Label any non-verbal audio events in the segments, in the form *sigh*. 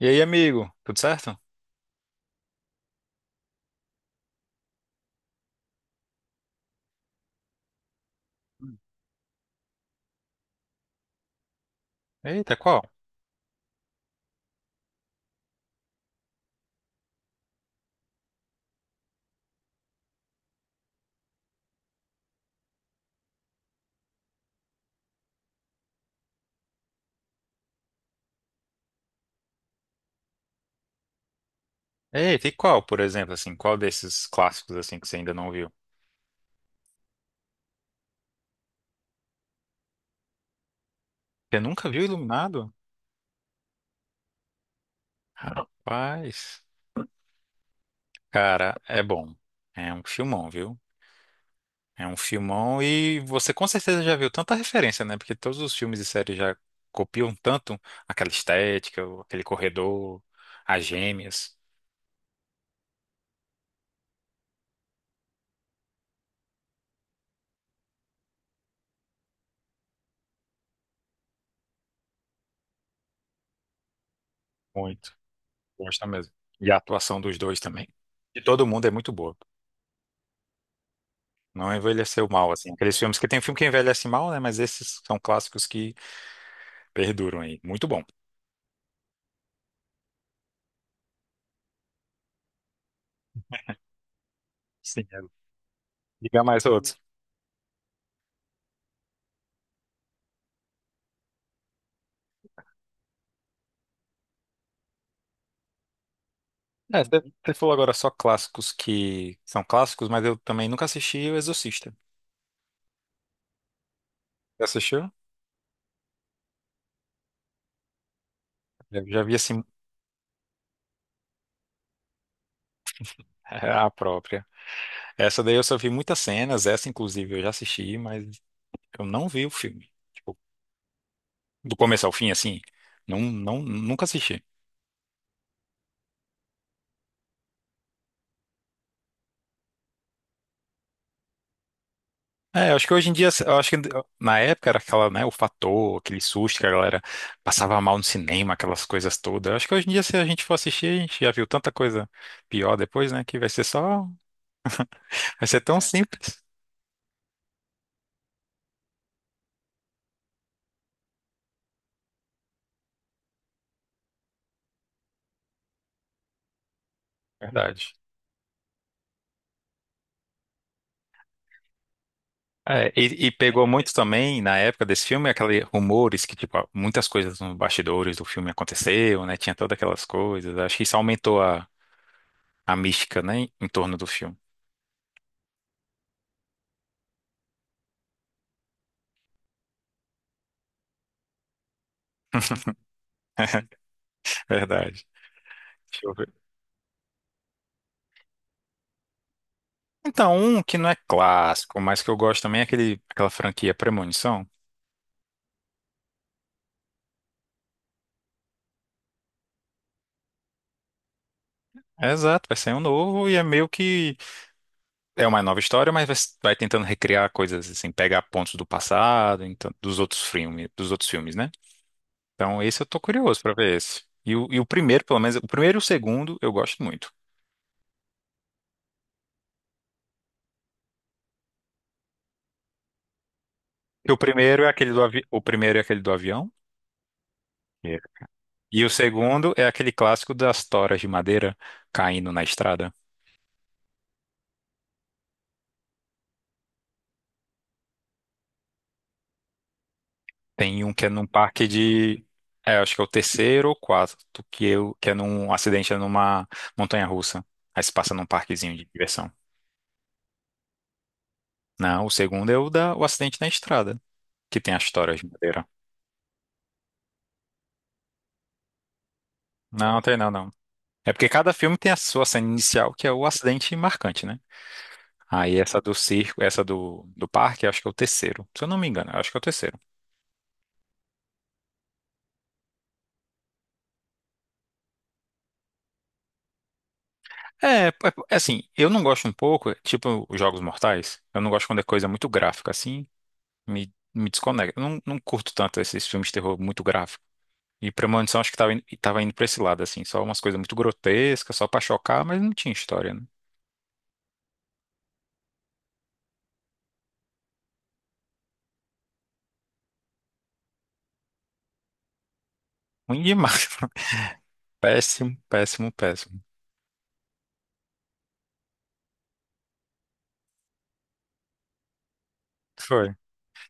E aí, amigo, tudo certo? Hum. Eita, qual? Eita, e qual, por exemplo, assim, qual desses clássicos, assim, que você ainda não viu? Você nunca viu Iluminado? Paz. Cara, é bom. É um filmão, viu? É um filmão, e você com certeza já viu tanta referência, né? Porque todos os filmes e séries já copiam tanto aquela estética, aquele corredor, as gêmeas. Muito. Gosto mesmo. E a atuação dos dois também. De todo mundo é muito boa. Não envelheceu mal, assim. Aqueles filmes que tem filme que envelhece mal, né? Mas esses são clássicos que perduram aí. Muito bom. Sim, é. Diga mais outros. É, você falou agora só clássicos que são clássicos, mas eu também nunca assisti O Exorcista. Já assistiu? Eu já vi, assim. *laughs* A própria. Essa daí eu só vi muitas cenas, essa inclusive eu já assisti, mas eu não vi o filme. Tipo, do começo ao fim, assim, não, nunca assisti. É, eu acho que hoje em dia, eu acho que na época era aquela, né, o fator, aquele susto que a galera passava mal no cinema, aquelas coisas todas. Eu acho que hoje em dia, se a gente for assistir, a gente já viu tanta coisa pior depois, né, que vai ser só, vai ser tão simples. Verdade. É, e pegou muito também, na época desse filme, aqueles rumores que, tipo, muitas coisas nos bastidores do filme aconteceu, né, tinha todas aquelas coisas. Acho que isso aumentou a mística, né, em torno do filme. *laughs* Verdade. Então, um que não é clássico, mas que eu gosto também é aquele, aquela franquia Premonição. É, exato, vai ser um novo e é meio que é uma nova história, mas vai, vai tentando recriar coisas assim, pegar pontos do passado, então, dos outros filmes, né? Então, esse eu tô curioso pra ver esse. E o primeiro, pelo menos, o primeiro e o segundo eu gosto muito. E o primeiro é aquele do o primeiro é aquele do avião. É. E o segundo é aquele clássico das toras de madeira caindo na estrada. Tem um que é num parque de. É, acho que é o terceiro ou quarto, que eu que é num acidente, é numa montanha-russa. Aí se passa num parquezinho de diversão. Não, o segundo é o da o acidente na estrada, que tem a história de madeira. Não, tem não, não. É porque cada filme tem a sua cena inicial, que é o acidente marcante, né? Aí essa do circo, essa do, do parque, acho que é o terceiro. Se eu não me engano, acho que é o terceiro. É, é, é assim, eu não gosto um pouco, tipo os Jogos Mortais, eu não gosto quando é coisa muito gráfica, assim. Me desconecta. Eu não, não curto tanto esses filmes de terror muito gráfico. E Premonição acho que tava, tava indo pra esse lado, assim. Só umas coisas muito grotescas, só pra chocar, mas não tinha história, né? Ruim demais. *laughs* Péssimo, péssimo, péssimo. Foi.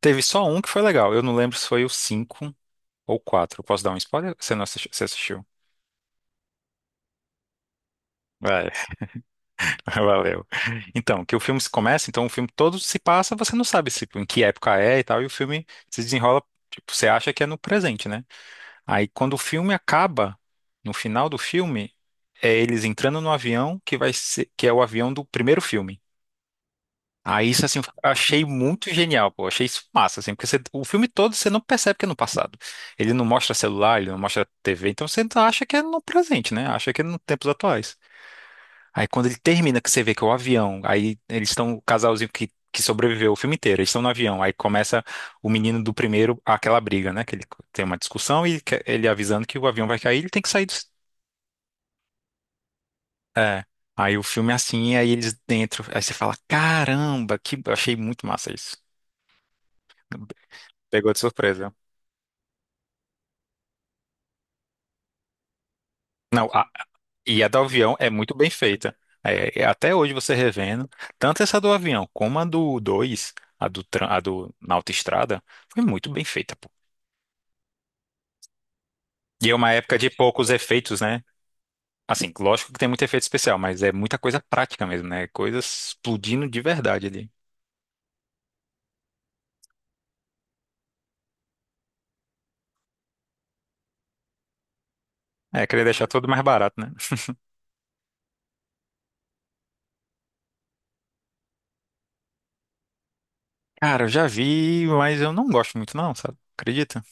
Teve só um que foi legal. Eu não lembro se foi o 5 ou o quatro. Posso dar um spoiler? Você não assistiu? Você assistiu? Vai, *laughs* valeu. Então, que o filme se começa, então o filme todo se passa, você não sabe se, em que época é e tal, e o filme se desenrola, tipo, você acha que é no presente, né? Aí quando o filme acaba, no final do filme, é eles entrando no avião que vai ser, que é o avião do primeiro filme. Aí isso assim, eu achei muito genial, pô, achei isso massa, assim, porque você- o filme todo você não percebe que é no passado. Ele não mostra celular, ele não mostra TV, então você acha que é no presente, né? Acha que é nos tempos atuais. Aí quando ele termina, que você vê que é o avião, aí eles estão, o casalzinho que sobreviveu o filme inteiro, eles estão no avião, aí começa o menino do primeiro, aquela briga, né? Que ele tem uma discussão e ele avisando que o avião vai cair, ele tem que sair do... É. Aí o filme é assim, aí eles dentro, aí você fala, caramba, que achei muito massa isso. Pegou de surpresa. Não, e a do avião é muito bem feita. É, é, até hoje você revendo, tanto essa do avião como a do 2, a do, a do na autoestrada, foi muito bem feita. E é uma época de poucos efeitos, né? Assim, lógico que tem muito efeito especial, mas é muita coisa prática mesmo, né? Coisas explodindo de verdade ali. É, querer deixar tudo mais barato, né? Cara, eu já vi, mas eu não gosto muito não, sabe? Acredita?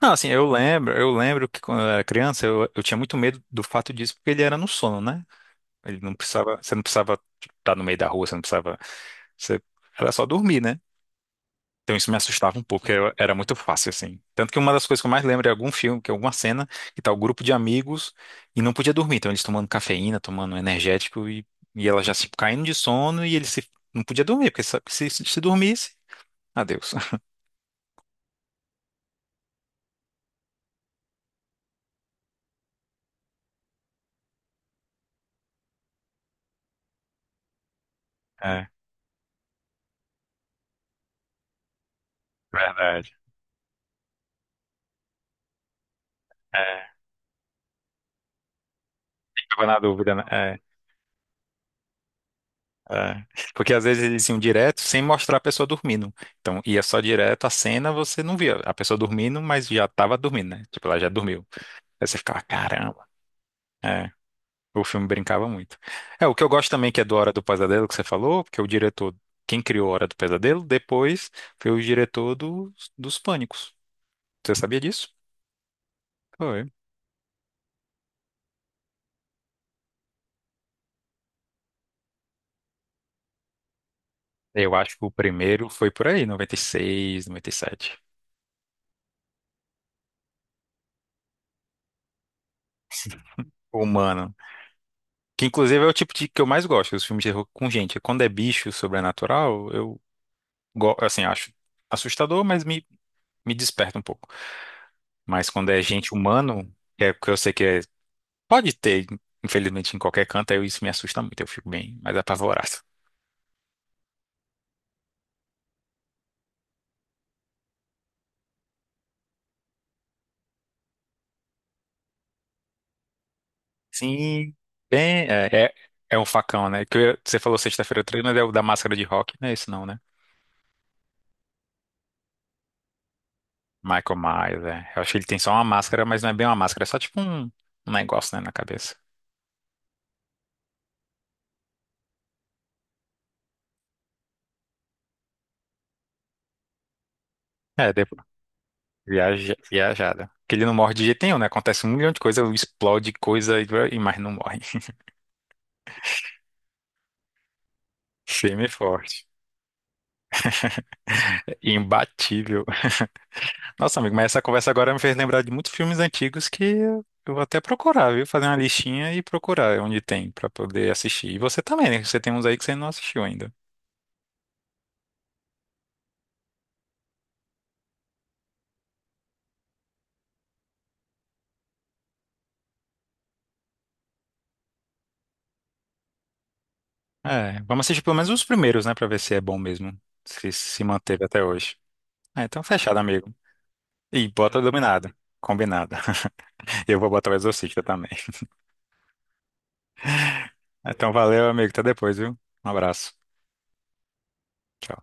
Não, assim, eu lembro que quando eu era criança, eu tinha muito medo do fato disso, porque ele era no sono, né? Ele não precisava, você não precisava, tipo, estar no meio da rua, você não precisava, você era só dormir, né? Então isso me assustava um pouco, era muito fácil, assim. Tanto que uma das coisas que eu mais lembro é algum filme, que é alguma cena, que tá o grupo de amigos e não podia dormir. Então eles tomando cafeína, tomando energético e ela já se caindo de sono e ele se, não podia dormir, porque sabe que se dormisse, adeus. *laughs* É, verdade. É, ficava na dúvida, né? É, é. Porque às vezes eles iam direto sem mostrar a pessoa dormindo. Então ia só direto a cena, você não via a pessoa dormindo, mas já tava dormindo, né? Tipo, ela já dormiu. Aí você ficava, caramba. É. O filme brincava muito. É, o que eu gosto também que é do Hora do Pesadelo que você falou, porque o diretor, quem criou Hora do Pesadelo, depois foi o diretor dos Pânicos. Você sabia disso? Foi. Eu acho que o primeiro foi por aí, 96, 97. Humano. Que inclusive é o tipo de que eu mais gosto, os filmes de terror com gente. Quando é bicho sobrenatural, eu assim, acho assustador, mas me desperta um pouco. Mas quando é gente humano, que é porque eu sei que é pode ter, infelizmente, em qualquer canto. Eu isso me assusta muito, eu fico bem mais apavorado. Sim, bem, é, é, é um facão, né? Que eu- você falou sexta-feira 13, mas é o da máscara de rock, não é esse não, né? Michael Myers, é. Eu acho que ele tem só uma máscara, mas não é bem uma máscara, é só tipo um, um negócio, né, na cabeça. É, depois, viaja, viajada. Porque ele não morre de jeito nenhum, né? Acontece um milhão de coisas, explode coisa, e mas não morre. *laughs* Firme e forte. É, imbatível. Nossa, amigo, mas essa conversa agora me fez lembrar de muitos filmes antigos que eu vou até procurar, viu? Fazer uma listinha e procurar onde tem pra poder assistir. E você também, né? Você tem uns aí que você não assistiu ainda. É, vamos assistir pelo menos os primeiros, né? Pra ver se é bom mesmo. Se se manteve até hoje. Ah, então fechado, amigo. E bota dominado. Combinado. *laughs* Eu vou botar o Exorcista também. Então valeu, amigo. Até depois, viu? Um abraço. Tchau.